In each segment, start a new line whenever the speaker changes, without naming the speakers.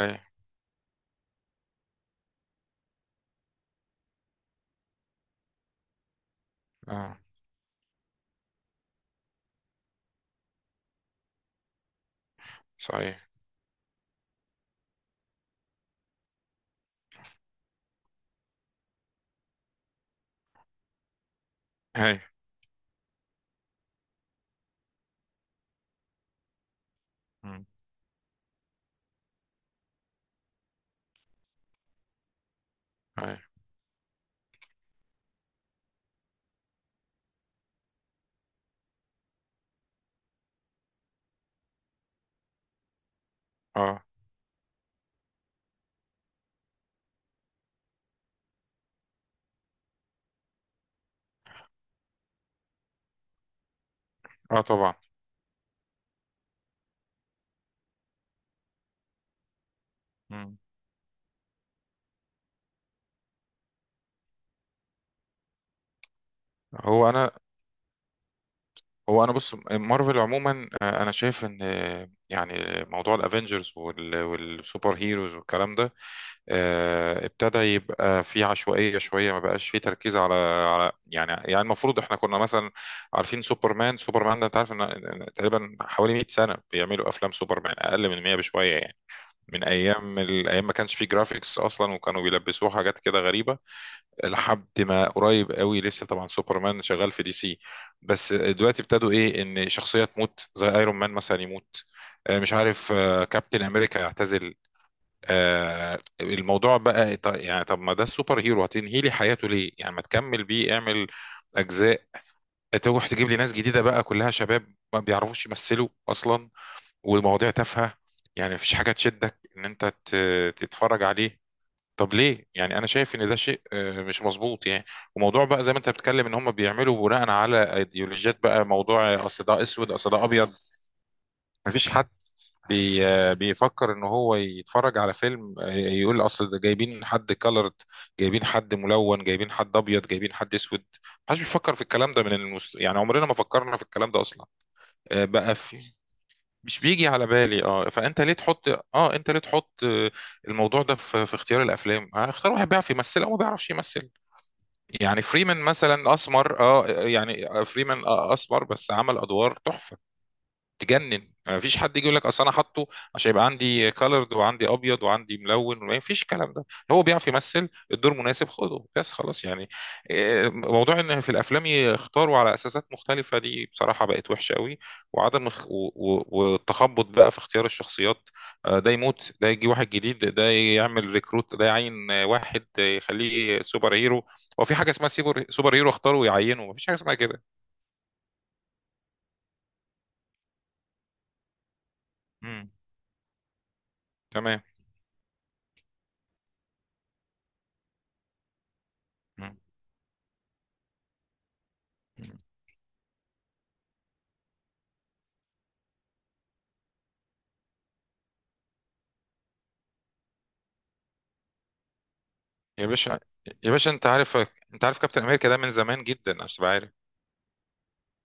أي. أه. صحيح. أي. مم. أي. أه. أه، طبعا. مم. هو أنا هو أنا بص. مارفل عموما، أنا شايف إن، يعني موضوع الأفينجرز والسوبر هيروز والكلام ده، ابتدى يبقى فيه عشوائية شوية. ما بقاش فيه تركيز على يعني المفروض إحنا كنا مثلا عارفين سوبرمان ده أنت عارف إن تقريبا حوالي 100 سنة بيعملوا أفلام سوبرمان، أقل من 100 بشوية يعني. من أيام الأيام ما كانش فيه جرافيكس أصلا، وكانوا بيلبسوه حاجات كده غريبة لحد ما قريب قوي. لسه طبعا سوبرمان شغال في دي سي. بس دلوقتي ابتدوا ايه، ان شخصيه تموت زي ايرون مان مثلا يموت، مش عارف، كابتن امريكا يعتزل. الموضوع بقى يعني طب ما ده السوبر هيرو، هتنهي لي حياته ليه؟ يعني ما تكمل بيه، اعمل اجزاء. تروح تجيب لي ناس جديده بقى كلها شباب، ما بيعرفوش يمثلوا اصلا، والمواضيع تافهه. يعني مفيش حاجه تشدك ان انت تتفرج عليه. طب ليه؟ يعني انا شايف ان ده شيء، مش مظبوط يعني. وموضوع بقى زي ما انت بتتكلم، ان هم بيعملوا بناء على ايديولوجيات. بقى موضوع، اصل ده اسود، اصل ده ابيض. مفيش حد بي آه، بيفكر ان هو يتفرج على فيلم، يقول اصل ده جايبين حد كلرد، جايبين حد ملون، جايبين حد ابيض، جايبين حد اسود. محدش بيفكر في الكلام ده من يعني عمرنا ما فكرنا في الكلام ده اصلا. بقى في، مش بيجي على بالي. اه فانت ليه تحط اه انت ليه تحط، الموضوع ده في اختيار الافلام. اختار واحد بيعرف يمثل او ما بيعرفش يمثل. يعني فريمان مثلا اسمر، يعني فريمان اسمر، بس عمل ادوار تحفه تجنن. ما فيش حد يجي يقول لك اصل انا حاطه عشان يبقى عندي كالرد وعندي ابيض وعندي ملون. ما فيش الكلام ده. هو بيعرف يمثل، الدور مناسب، خده بس خلاص يعني. إيه، موضوع ان في الافلام يختاروا على اساسات مختلفه، دي بصراحه بقت وحشه قوي. وعدم اخ- و- و- والتخبط بقى في اختيار الشخصيات. ده يموت، ده يجي واحد جديد، ده يعمل ريكروت، ده يعين، واحد، يخليه سوبر هيرو. هو في حاجه اسمها سوبر هيرو اختاروا ويعينوا؟ ما فيش حاجه اسمها كده. مم. تمام. مم. يا باشا. يا باشا، انت عارف. كابتن امريكا ده من زمان جدا عشان تبقى عارف.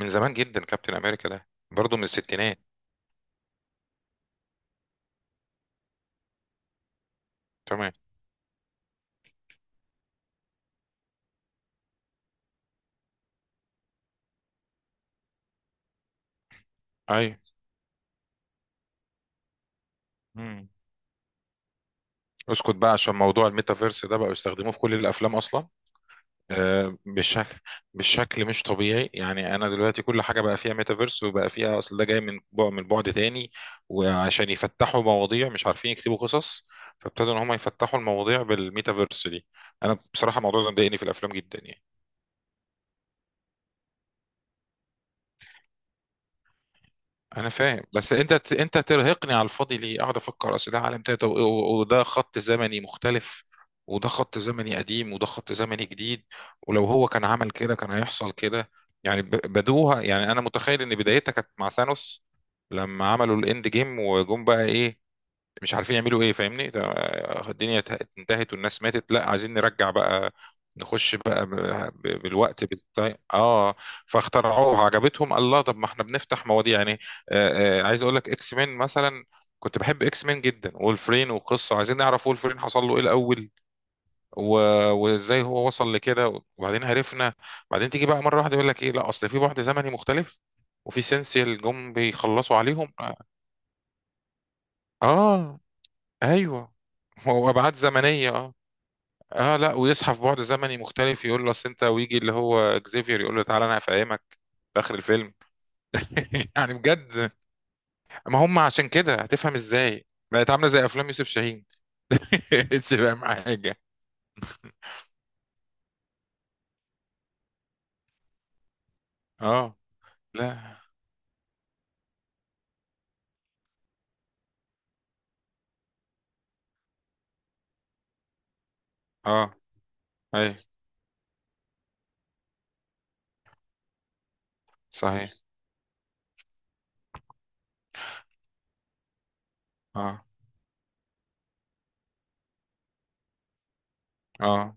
من زمان جدا كابتن امريكا ده برضه من الستينات. تمام. اي. مم. اسكت بقى. عشان موضوع الميتافيرس ده بقوا يستخدموه في كل الافلام اصلا. بشكل، مش طبيعي يعني. انا دلوقتي كل حاجه بقى فيها ميتافيرس، وبقى فيها اصل ده جاي من بعد، تاني. وعشان يفتحوا مواضيع مش عارفين يكتبوا قصص، فابتدوا ان هم يفتحوا المواضيع بالميتافيرس دي. انا بصراحه الموضوع ده مضايقني في الافلام جدا يعني. انا فاهم، بس انت ترهقني على الفاضي ليه؟ اقعد افكر اصل ده عالم تاني، طب- و- وده خط زمني مختلف، وده خط زمني قديم، وده خط زمني جديد. ولو هو كان عمل كده كان هيحصل كده. يعني بدوها يعني، انا متخيل ان بدايتها كانت مع ثانوس. لما عملوا الاند جيم وجم بقى ايه؟ مش عارفين يعملوا ايه فاهمني، الدنيا انتهت والناس ماتت، لا، عايزين نرجع بقى، نخش بقى، بالوقت، بالتايم، اه. فاخترعوها، عجبتهم الله. طب ما احنا بنفتح مواضيع يعني. عايز اقول لك اكس مين مثلا. كنت بحب اكس مين جدا، وولفرين وقصه، عايزين نعرف وولفرين حصل له ايه الاول و... وازاي هو وصل لكده، وبعدين عرفنا. بعدين تيجي بقى مره واحده يقول لك ايه، لا، اصل في بعد زمني مختلف، وفي سينسيال جم بيخلصوا عليهم. اه. ايوه. هو ابعاد زمنيه، اه. اه لا ويصحى في بعد زمني مختلف، يقول له اصل انت، ويجي اللي هو اكزيفير يقول له تعالى انا هفهمك في اخر الفيلم. يعني بجد. ما هم عشان كده هتفهم ازاي؟ بقت عامله زي افلام يوسف شاهين. اتش فاهم حاجه. اه. لا. اه. اي. صحيح. اه. اه.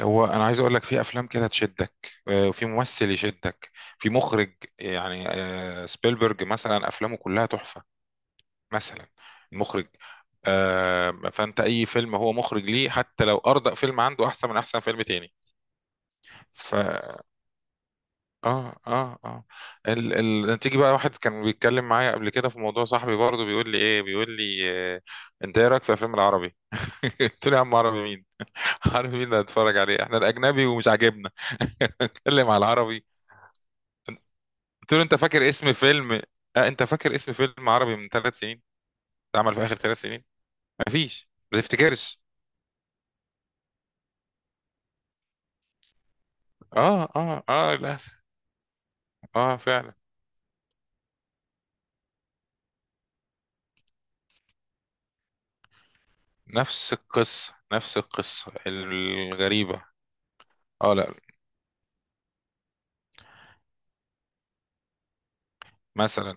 هو انا عايز اقول لك، في افلام كده تشدك، وفي ممثل يشدك، في مخرج يعني، سبيلبرج مثلا افلامه كلها تحفه، مثلا المخرج، فانت اي فيلم هو مخرج ليه حتى لو اردأ فيلم عنده احسن من احسن فيلم تاني. ف اه اه اه ال... تيجي بقى واحد كان بيتكلم معايا قبل كده في موضوع، صاحبي برضه بيقول لي ايه، آه... انت ايه رايك في الفيلم العربي؟ قلت له يا عم عربي مين؟ عربي مين اللي هتتفرج عليه؟ احنا الاجنبي ومش عاجبنا، اتكلم على العربي. قلت له انت فاكر اسم فيلم، انت فاكر اسم فيلم عربي من 3 سنين، اتعمل في اخر 3 سنين؟ مفيش، ما تفتكرش. اه. اه. اه. لا. اه. فعلا. نفس القصة، نفس القصة الغريبة. اه. لا. مثلا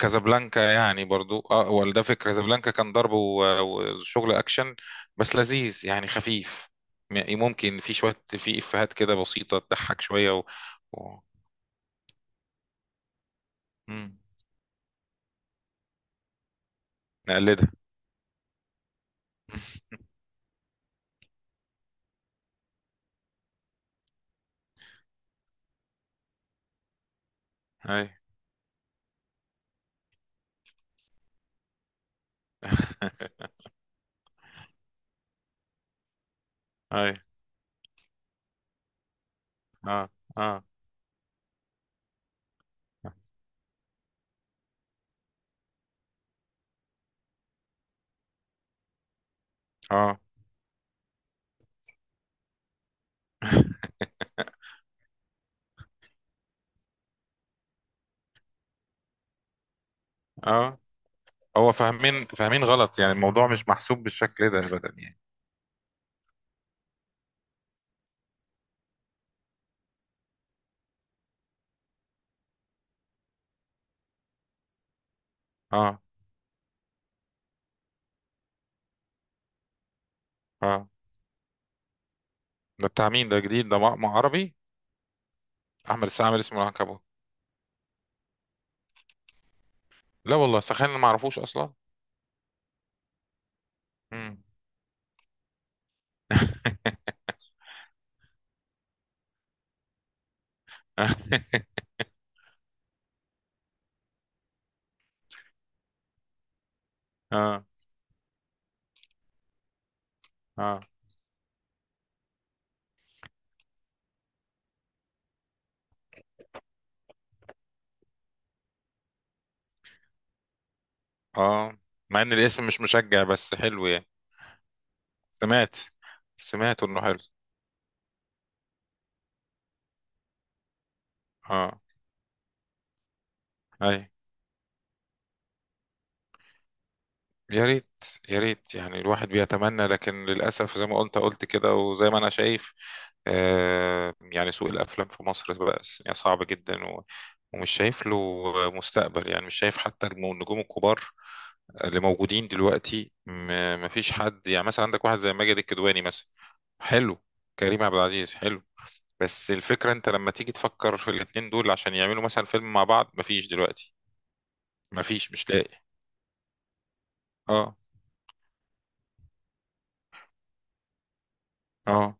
كازابلانكا يعني برضو اه، ولا ده فكرة. كازابلانكا كان ضرب و- وشغل اكشن، بس لذيذ يعني، خفيف. ممكن في شوية، في افيهات كده بسيطة تضحك شوية و... مم. نقلدها. اي. اي. اه. اه. اه. اه. هو فاهمين غلط يعني، الموضوع مش محسوب بالشكل ده ابدا يعني. اه. اه. ده بتاع مين؟ ده جديد ده، مع عربي؟ احمد السقا عامل اسمه العنكبوت؟ لا والله، تخيل انا ما اعرفوش اصلا. مم. اه. اه. اه. مع ان الاسم مش مشجع بس حلو يعني. سمعت سمعت انه حلو. اه. اي. يا ريت. يا ريت يعني الواحد بيتمنى، لكن للاسف زي ما قلت، كده، وزي ما انا شايف، يعني سوق الافلام في مصر بقى يعني صعب جدا، ومش شايف له مستقبل يعني، مش شايف حتى النجوم الكبار اللي موجودين دلوقتي، ما فيش حد يعني. مثلا عندك واحد زي ماجد الكدواني مثلا، حلو. كريم عبد العزيز، حلو. بس الفكرة انت لما تيجي تفكر في الاتنين دول عشان يعملوا مثلا فيلم مع بعض، مفيش دلوقتي. مفيش، مش لاقي. اه. اه.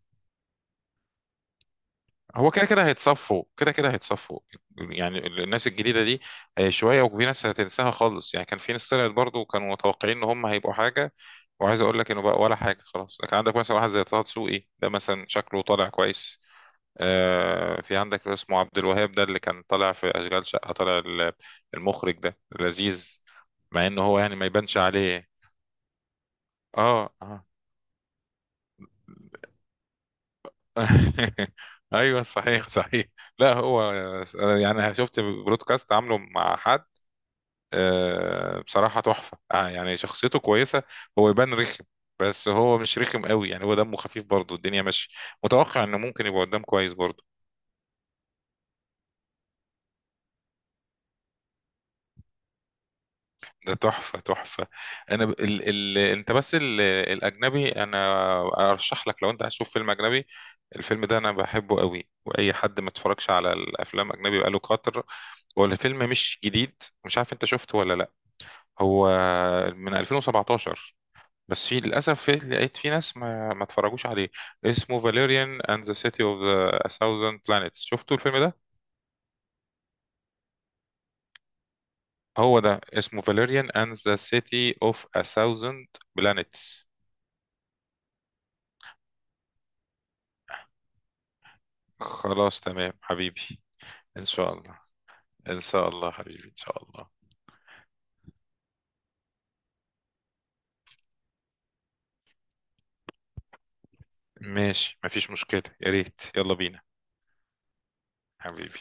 هو كده كده هيتصفوا، كده كده هيتصفوا يعني الناس الجديدة دي. شوية وفي ناس هتنساها خالص يعني، كان في ناس طلعت برضه كانوا متوقعين ان هم هيبقوا حاجة، وعايز اقول لك انه بقى ولا حاجة خلاص. لكن عندك مثلا واحد زي طه دسوقي ده مثلا، شكله طالع كويس. في عندك اللي اسمه عبد الوهاب ده، اللي كان طالع في أشغال شقة، طالع المخرج ده لذيذ، مع انه هو يعني ما يبانش عليه. اه. اه. ايوه. صحيح، صحيح. لا، هو يعني شفت برودكاست عامله مع حد، بصراحة تحفة. يعني شخصيته كويسة، هو يبان رخم، بس هو مش رخم قوي يعني، هو دمه خفيف برضه، الدنيا مش متوقع انه ممكن يبقى قدام كويس برضه. ده تحفة، تحفة. انا ب... ال... ال... انت بس الاجنبي. انا ارشح لك لو انت عايز تشوف فيلم اجنبي، الفيلم ده انا بحبه قوي، واي حد ما اتفرجش على الافلام اجنبي بقاله كتر. هو الفيلم مش جديد، مش عارف انت شفته ولا لا. هو من 2017، بس في للاسف، في لقيت في ناس ما اتفرجوش عليه. اسمه فاليريان اند ذا سيتي اوف ذا 1000 بلانيتس، شفتوا الفيلم ده؟ هو ده اسمه فاليريان اند ذا سيتي اوف 1000 بلانيتس. خلاص تمام حبيبي. ان شاء الله. ان شاء الله حبيبي، ان شاء الله. ماشي مفيش مشكلة، يا ريت، يلا بينا حبيبي.